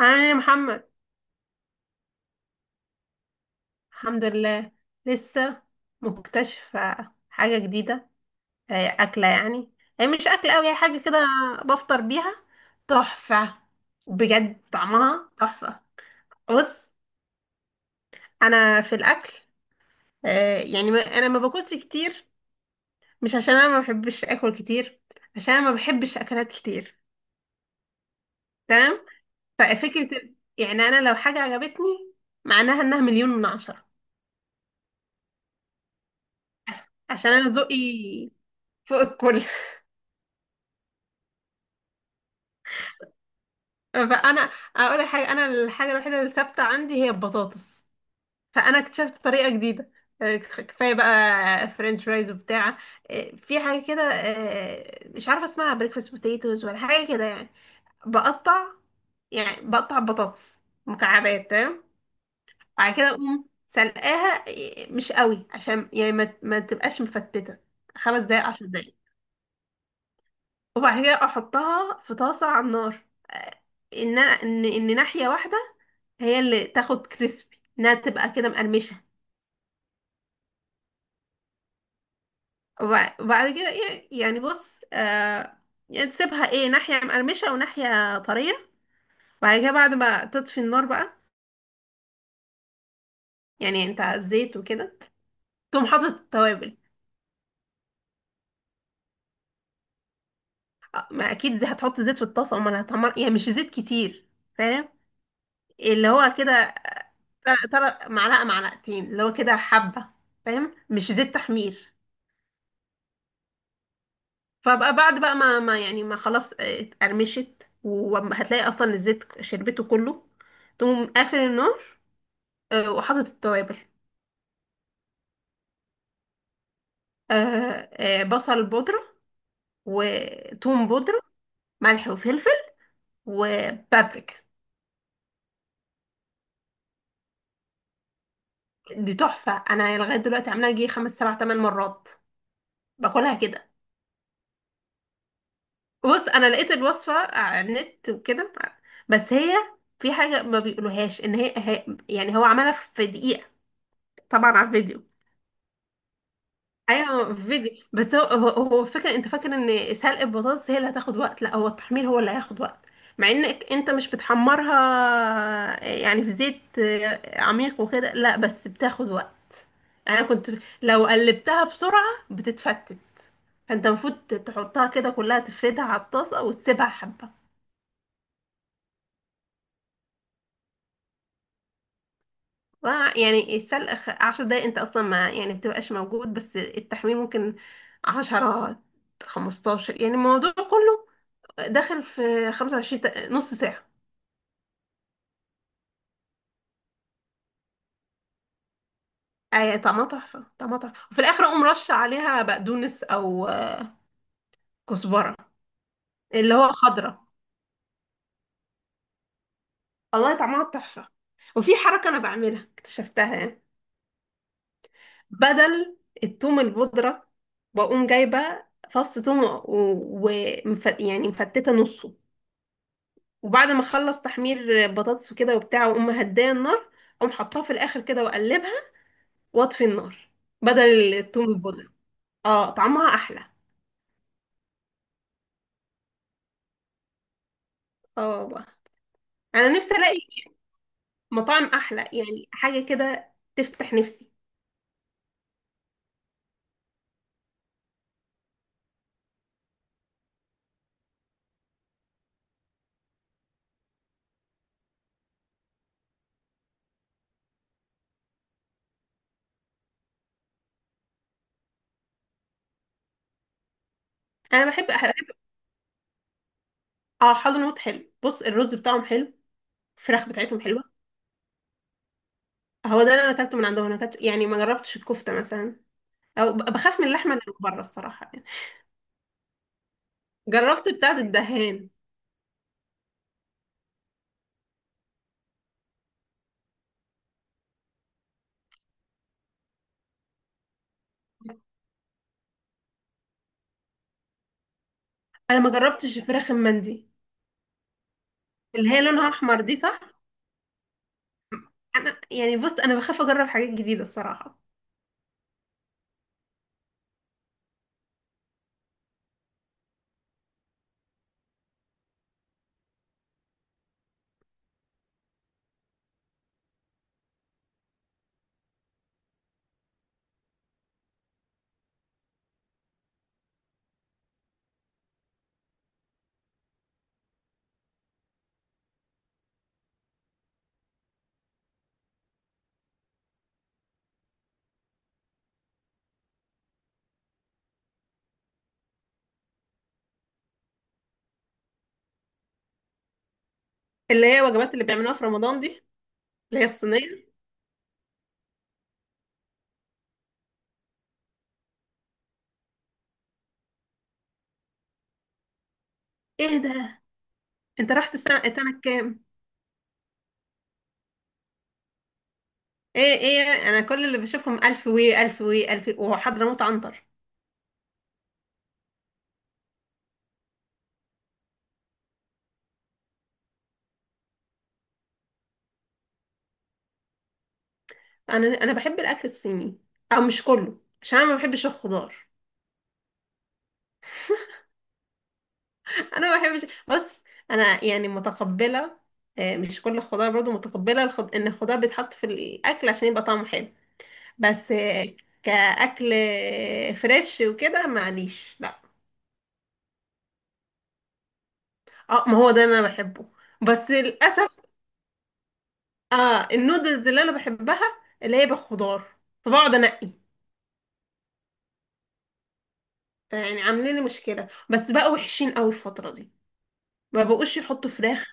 عامل ايه يا محمد؟ الحمد لله. لسه مكتشفة حاجة جديدة. أكلة يعني. هي مش أكلة أوي، هي حاجة كده. بفطر بيها. تحفة. بجد طعمها تحفة. بص، أنا في الأكل. أنا ما باكلش كتير. مش عشان أنا ما بحبش أكل كتير، عشان أنا ما بحبش أكلات كتير. تمام. ففكرة، يعني أنا لو حاجة عجبتني، معناها إنها مليون من عشرة. عشان أنا ذوقي فوق الكل. فانا اقول لك حاجه، انا الحاجه الوحيده اللي ثابته عندي هي البطاطس. فانا اكتشفت طريقه جديده. كفايه بقى فرنش فرايز وبتاع. في حاجه كده، مش عارفه اسمها بريكفاست بوتيتوز ولا حاجه كده يعني. بقطع، يعني بقطع بطاطس مكعبات. تمام. وبعد كده اقوم سلقاها مش قوي، عشان يعني ما تبقاش مفتته. 5 دقايق، 10 دقايق. وبعد كده احطها في طاسه على النار، آه، ان ناحيه واحده هي اللي تاخد كريسبي، انها تبقى كده مقرمشه. وبعد كده ايه؟ يعني بص، يعني تسيبها ايه، ناحيه مقرمشه وناحيه طريه. وبعد كده، بعد ما تطفي النار بقى، يعني انت على الزيت وكده تقوم حاطط التوابل. ما اكيد زي هتحط زيت في الطاسه، امال هتحمر؟ يعني مش زيت كتير، فاهم؟ اللي هو كده، ترى معلقه معلقتين، اللي هو كده حبه. فاهم، مش زيت تحمير. فبقى بعد بقى ما يعني ما، خلاص اتقرمشت، وهتلاقي اصلا الزيت شربته كله. تقوم قافل النار وحاطط التوابل. بصل بودرة، وتوم بودرة، ملح وفلفل، وبابريكا. دي تحفة. انا لغاية دلوقتي عاملاها جي خمس سبع تمن مرات. باكلها كده. بص، انا لقيت الوصفة على النت وكده، بس هي في حاجة ما بيقولوهاش، ان يعني هو عملها في دقيقة، طبعا على الفيديو. ايوه فيديو، بس هو فاكر، انت فاكر ان سلق البطاطس هي اللي هتاخد وقت؟ لا، هو التحمير هو اللي هياخد وقت، مع انك انت مش بتحمرها يعني في زيت عميق وكده، لا بس بتاخد وقت. انا كنت لو قلبتها بسرعة بتتفتت، فانت المفروض تحطها كده كلها، تفردها على الطاسة وتسيبها حبة. ف- يعني السلق 10 دقايق، انت اصلا ما يعني بتبقاش موجود، بس التحمير ممكن 10، 15. يعني الموضوع كله داخل في 25 نص ساعة. يعني طعمها تحفة، طعمها تحفة. وفي الآخر أقوم رش عليها بقدونس أو كزبرة، اللي هو خضرة. والله طعمها تحفة. وفي حركة أنا بعملها، اكتشفتها يعني. بدل التوم البودرة، بقوم جايبة فص توم يعني مفتتة نصه، وبعد ما أخلص تحمير بطاطس وكده وبتاع، وأقوم مهدية النار، أقوم حطاها في الآخر كده، وأقلبها، وأطفي النار بدل التوم البودرة. اه طعمها أحلى. اه، انا نفسي الاقي مطاعم احلى، يعني حاجه كده تفتح نفسي. انا بحب بحب. اه، حضرموت حلو. بص، الرز بتاعهم حلو، الفراخ بتاعتهم حلوه. هو ده اللي انا اكلته من عندهم. انا اكلت يعني، ما جربتش الكفته مثلا، او بخاف من اللحمه اللي بره، الصراحه يعني. جربت بتاعه الدهان. انا ما جربتش الفراخ المندي، اللي هي لونها احمر، دي صح؟ انا يعني بص، انا بخاف اجرب حاجات جديده الصراحه. اللي هي وجبات اللي بيعملوها في رمضان دي، اللي هي الصينيه. ايه ده؟ انت رحت السنه كام؟ ايه ايه، انا كل اللي بشوفهم الف وي الف وي الف، وحضرموت عنتر. انا بحب الاكل الصيني، او مش كله، عشان انا ما بحبش الخضار. انا ما بحبش، بص، انا يعني متقبله. مش كل الخضار برضو متقبله. ان الخضار بيتحط في الاكل عشان يبقى طعمه حلو، بس كاكل فريش وكده، معليش، لا. اه، ما هو ده اللي انا بحبه، بس للاسف. اه، النودلز اللي انا بحبها اللي هي بالخضار، فبقعد انقي. يعني عاملين لي مشكله، بس بقى وحشين قوي الفتره دي، ما بقوش يحطوا فراخ.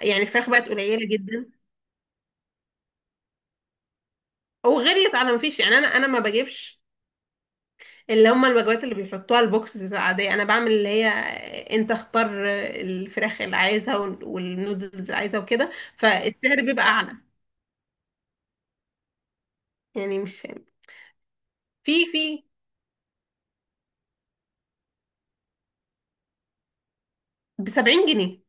يعني الفراخ بقت قليله جدا، وغليت على ما فيش. يعني انا ما بجيبش اللي هم الوجبات اللي بيحطوها البوكس عاديه. انا بعمل اللي هي، انت اختار الفراخ اللي عايزها والنودلز اللي عايزها وكده، فالسعر بيبقى اعلى. يعني مش في ب 70 جنيه.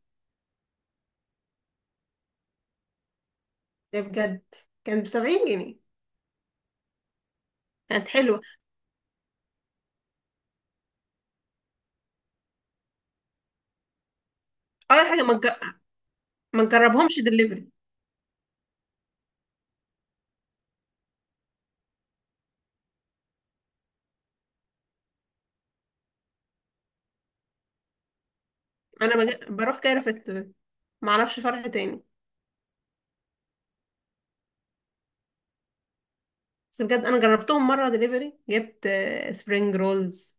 ده بجد، كان ب 70 جنيه. كانت حلوه. اول حاجه ما تجربهمش دليفري. انا بروح كايرو فيستيفال، ما اعرفش فرع تاني. بس بجد، انا جربتهم مره دليفري، جبت سبرينج رولز،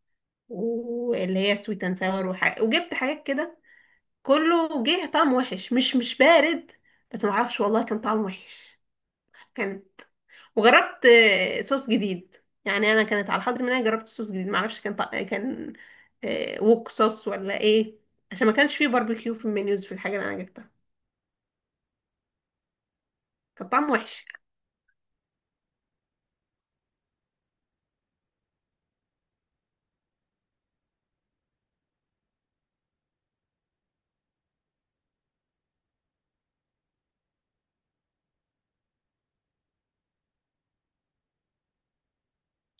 واللي هي سويت اند ساور، وجبت حاجات كده. كله جه طعم وحش، مش بارد. بس ما اعرفش والله، كان طعم وحش. كان. وجربت صوص جديد. يعني انا كانت على الحظ ان انا جربت صوص جديد، ما اعرفش كان ووك صوص ولا ايه، عشان ما كانش فيه باربيكيو في المنيوز، في الحاجه اللي انا جبتها. كان طعم وحش.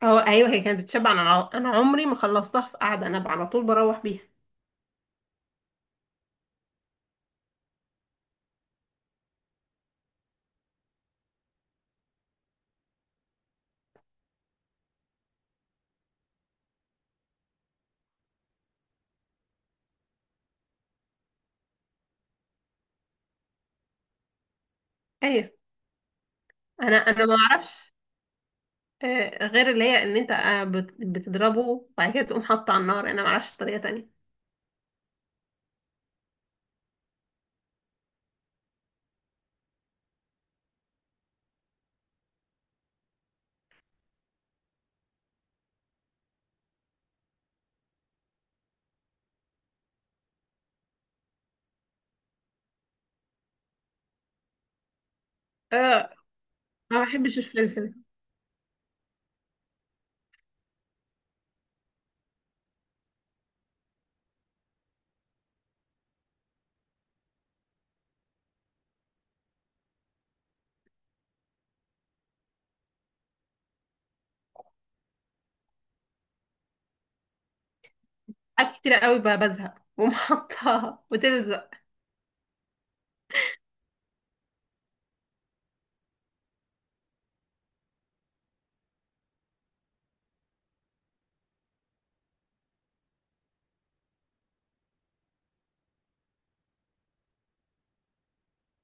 اه ايوه، هي كانت بتشبع. انا انا عمري ما خلصتها في قعده، انا على طول بروح بيها. ايوه، انا ما اعرفش غير اللي هي ان انت بتضربه، وبعد كده تقوم حاطه على النار. انا ما اعرفش طريقه تانية. آه، ما بحبش الفلفل. حاجات كتير قوي بزهق، بقوم حاطاها وتلزق.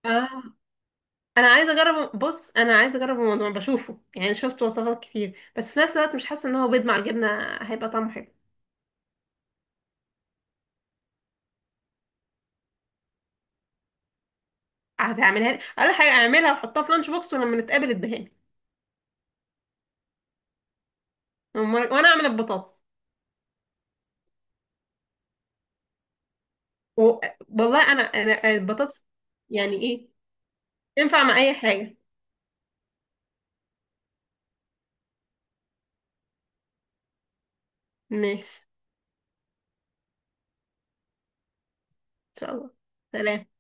آه. انا عايزه اجرب، بص انا عايزه اجرب الموضوع بشوفه. يعني شفت وصفات كتير، بس في نفس الوقت مش حاسه ان هو بيض مع الجبنه هيبقى طعمه حلو. هتعملها لي؟ اقول حاجه، اعملها واحطها في لانش بوكس، ولما نتقابل اديها لي. وانا اعمل البطاطس. و- والله، انا البطاطس يعني ايه، تنفع مع اي حاجه. ماشي. ان شاء الله. سلام.